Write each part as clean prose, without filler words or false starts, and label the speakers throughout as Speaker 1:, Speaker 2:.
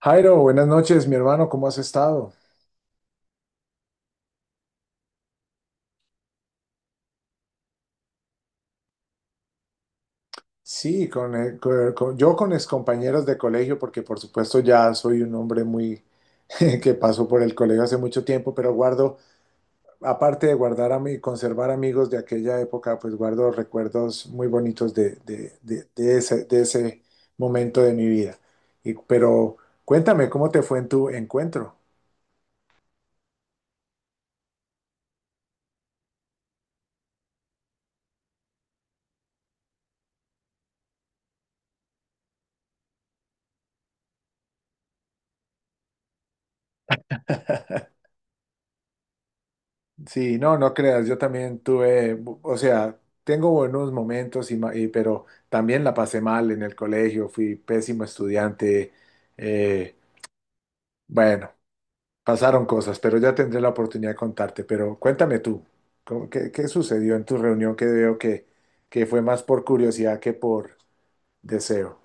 Speaker 1: Jairo, buenas noches, mi hermano, ¿cómo has estado? Sí, con, yo con mis compañeros de colegio, porque por supuesto ya soy un hombre muy que pasó por el colegio hace mucho tiempo, pero guardo, aparte de guardar a mí, conservar amigos de aquella época, pues guardo recuerdos muy bonitos de ese momento de mi vida. Pero cuéntame, ¿cómo te fue en tu encuentro? Sí, no, no creas, yo también tuve, o sea, tengo buenos momentos, pero también la pasé mal en el colegio, fui pésimo estudiante. eh, bueno, Pasaron cosas, pero ya tendré la oportunidad de contarte, pero cuéntame tú, qué, ¿qué sucedió en tu reunión que veo que fue más por curiosidad que por deseo?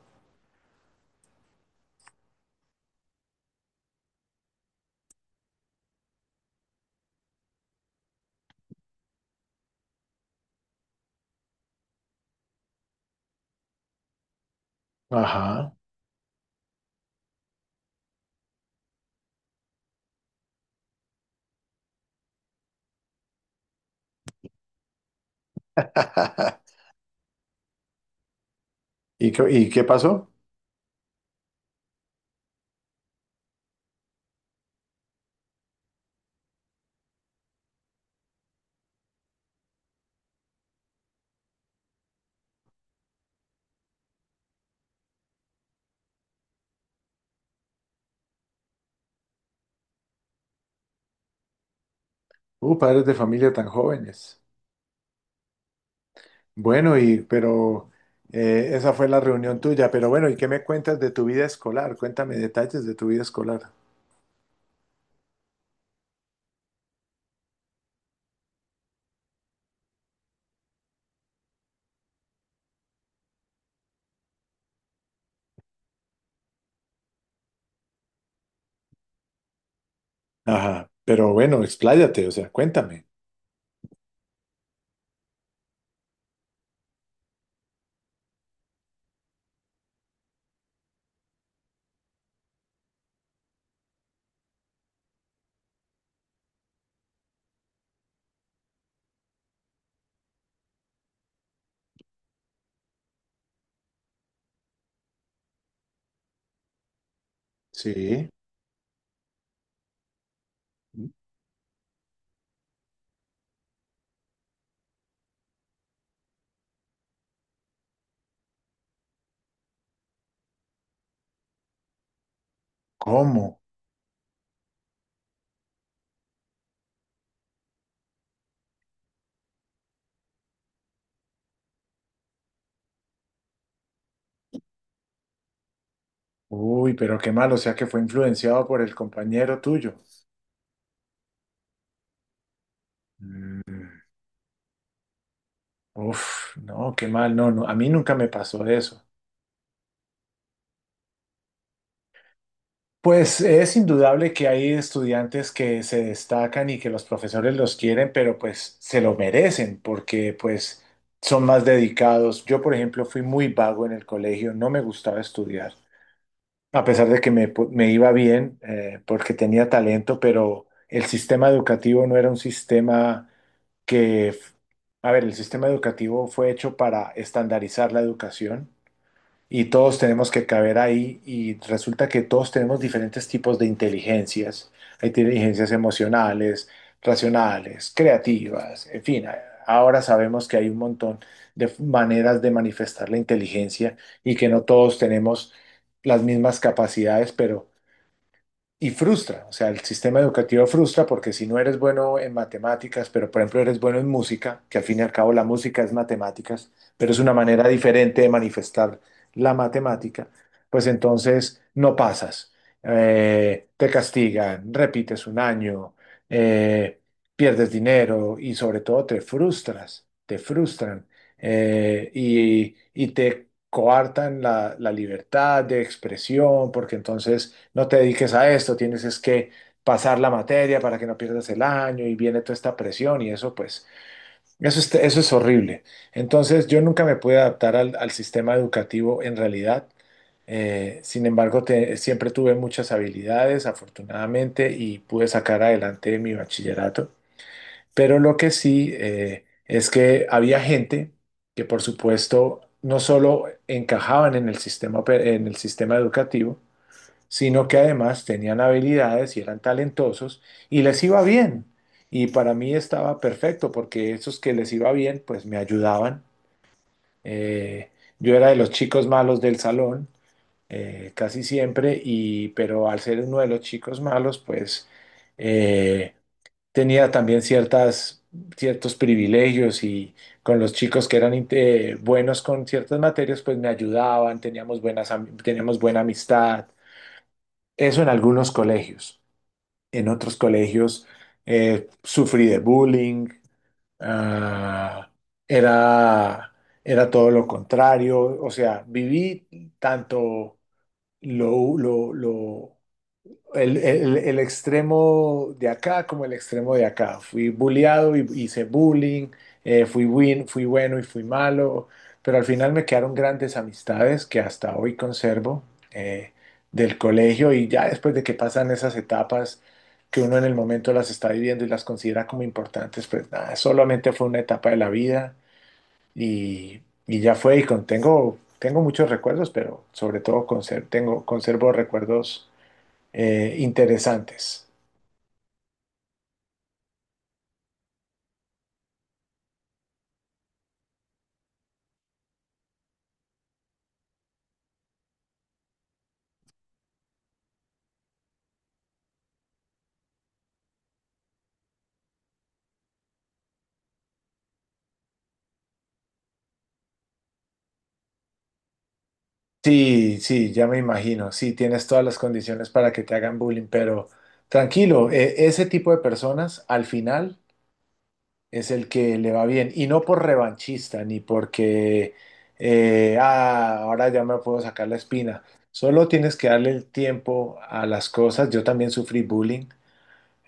Speaker 1: Ajá. Y qué pasó? Padres de familia tan jóvenes. Bueno, y pero esa fue la reunión tuya, pero bueno, ¿y qué me cuentas de tu vida escolar? Cuéntame detalles de tu vida escolar. Ajá, pero bueno, expláyate, o sea, cuéntame. Sí. ¿Cómo? Uy, pero qué mal, o sea que fue influenciado por el compañero tuyo. Mm, uf, no, qué mal, no, no, a mí nunca me pasó eso. Pues es indudable que hay estudiantes que se destacan y que los profesores los quieren, pero pues se lo merecen porque pues son más dedicados. Yo, por ejemplo, fui muy vago en el colegio, no me gustaba estudiar, a pesar de que me iba bien, porque tenía talento, pero el sistema educativo no era un sistema que, a ver, el sistema educativo fue hecho para estandarizar la educación y todos tenemos que caber ahí y resulta que todos tenemos diferentes tipos de inteligencias. Hay inteligencias emocionales, racionales, creativas, en fin, ahora sabemos que hay un montón de maneras de manifestar la inteligencia y que no todos tenemos las mismas capacidades, pero y frustra, o sea, el sistema educativo frustra porque si no eres bueno en matemáticas, pero por ejemplo eres bueno en música, que al fin y al cabo la música es matemáticas, pero es una manera diferente de manifestar la matemática, pues entonces no pasas, te castigan, repites un año, eh, pierdes dinero y sobre todo te frustras, te frustran, y te coartan la libertad de expresión porque entonces no te dediques a esto, tienes es que pasar la materia para que no pierdas el año y viene toda esta presión y eso pues, eso es horrible. Entonces yo nunca me pude adaptar al, al sistema educativo en realidad. Sin embargo, siempre tuve muchas habilidades, afortunadamente, y pude sacar adelante mi bachillerato. Pero lo que sí, es que había gente que, por supuesto, no solo encajaban en el sistema, en el sistema educativo, sino que además tenían habilidades y eran talentosos y les iba bien. Y para mí estaba perfecto porque esos que les iba bien, pues me ayudaban. Eh, yo era de los chicos malos del salón, casi siempre, y, pero al ser uno de los chicos malos, pues eh, tenía también ciertas, ciertos privilegios y con los chicos que eran buenos con ciertas materias, pues me ayudaban, teníamos buenas, teníamos buena amistad. Eso en algunos colegios, en otros colegios, sufrí de bullying, ah, era, era todo lo contrario, o sea, viví tanto lo el extremo de acá como el extremo de acá. Fui bulleado y hice bullying, fui, win, fui bueno y fui malo, pero al final me quedaron grandes amistades que hasta hoy conservo eh, del colegio y ya después de que pasan esas etapas que uno en el momento las está viviendo y las considera como importantes, pues nada, solamente fue una etapa de la vida y, y ya fue y con, tengo, tengo muchos recuerdos, pero sobre todo tengo, conservo recuerdos interesantes. Sí, sí, ya me imagino. Sí, tienes todas las condiciones para que te hagan bullying, pero tranquilo, ese tipo de personas al final es el que le va bien. Y no por revanchista, ni porque, ahora ya me puedo sacar la espina. Solo tienes que darle el tiempo a las cosas. Yo también sufrí bullying,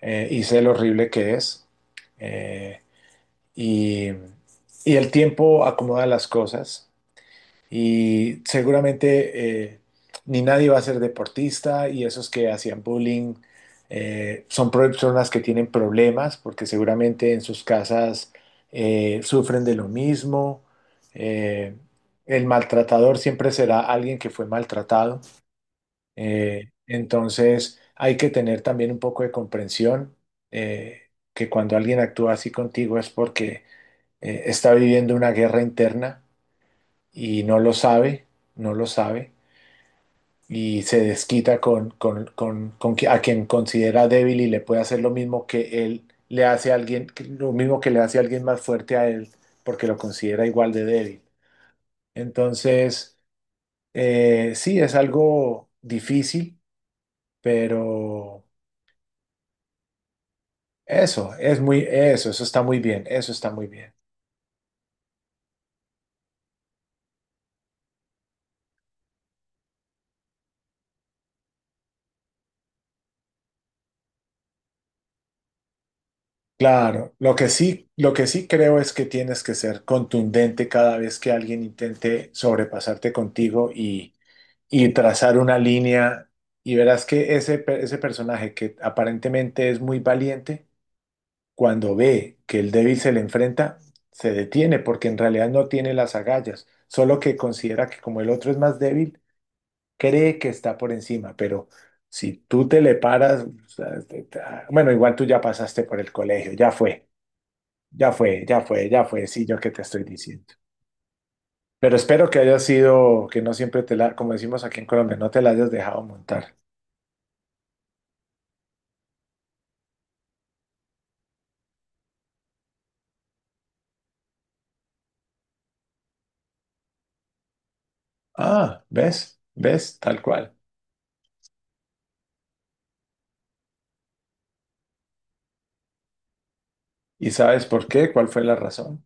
Speaker 1: y sé lo horrible que es. Eh, y, y el tiempo acomoda las cosas. Y seguramente ni nadie va a ser deportista y esos que hacían bullying, son personas que tienen problemas porque seguramente en sus casas sufren de lo mismo. Eh, el maltratador siempre será alguien que fue maltratado. Entonces hay que tener también un poco de comprensión, que cuando alguien actúa así contigo es porque está viviendo una guerra interna y no lo sabe, no lo sabe, y se desquita con a quien considera débil y le puede hacer lo mismo que él le hace a alguien, lo mismo que le hace a alguien más fuerte a él, porque lo considera igual de débil. Entonces, sí, es algo difícil, pero eso, es muy, eso está muy bien, eso está muy bien. Claro, lo que sí creo es que tienes que ser contundente cada vez que alguien intente sobrepasarte contigo y trazar una línea y verás que ese, ese personaje que aparentemente es muy valiente, cuando ve que el débil se le enfrenta, se detiene porque en realidad no tiene las agallas, solo que considera que como el otro es más débil, cree que está por encima, pero si tú te le paras, o sea, bueno, igual tú ya pasaste por el colegio, ya fue. Ya fue, ya fue, ya fue, sí, yo que te estoy diciendo. Pero espero que haya sido, que no siempre te la, como decimos aquí en Colombia, no te la hayas dejado montar. Ah, ¿ves? ¿Ves? Tal cual. ¿Y sabes por qué? ¿Cuál fue la razón?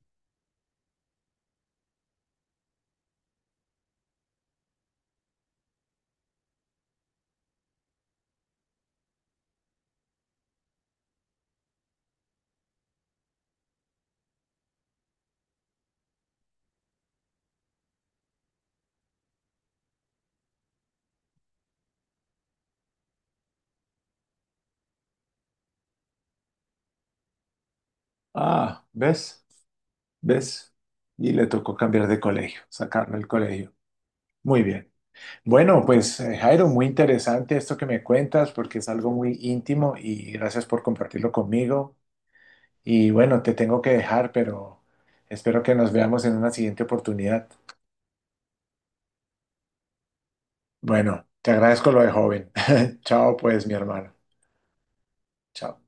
Speaker 1: Ah, ¿ves? ¿Ves? Y le tocó cambiar de colegio, sacarlo del colegio. Muy bien. Bueno, pues Jairo, muy interesante esto que me cuentas porque es algo muy íntimo y gracias por compartirlo conmigo. Y bueno, te tengo que dejar, pero espero que nos veamos en una siguiente oportunidad. Bueno, te agradezco lo de joven. Chao, pues, mi hermano. Chao.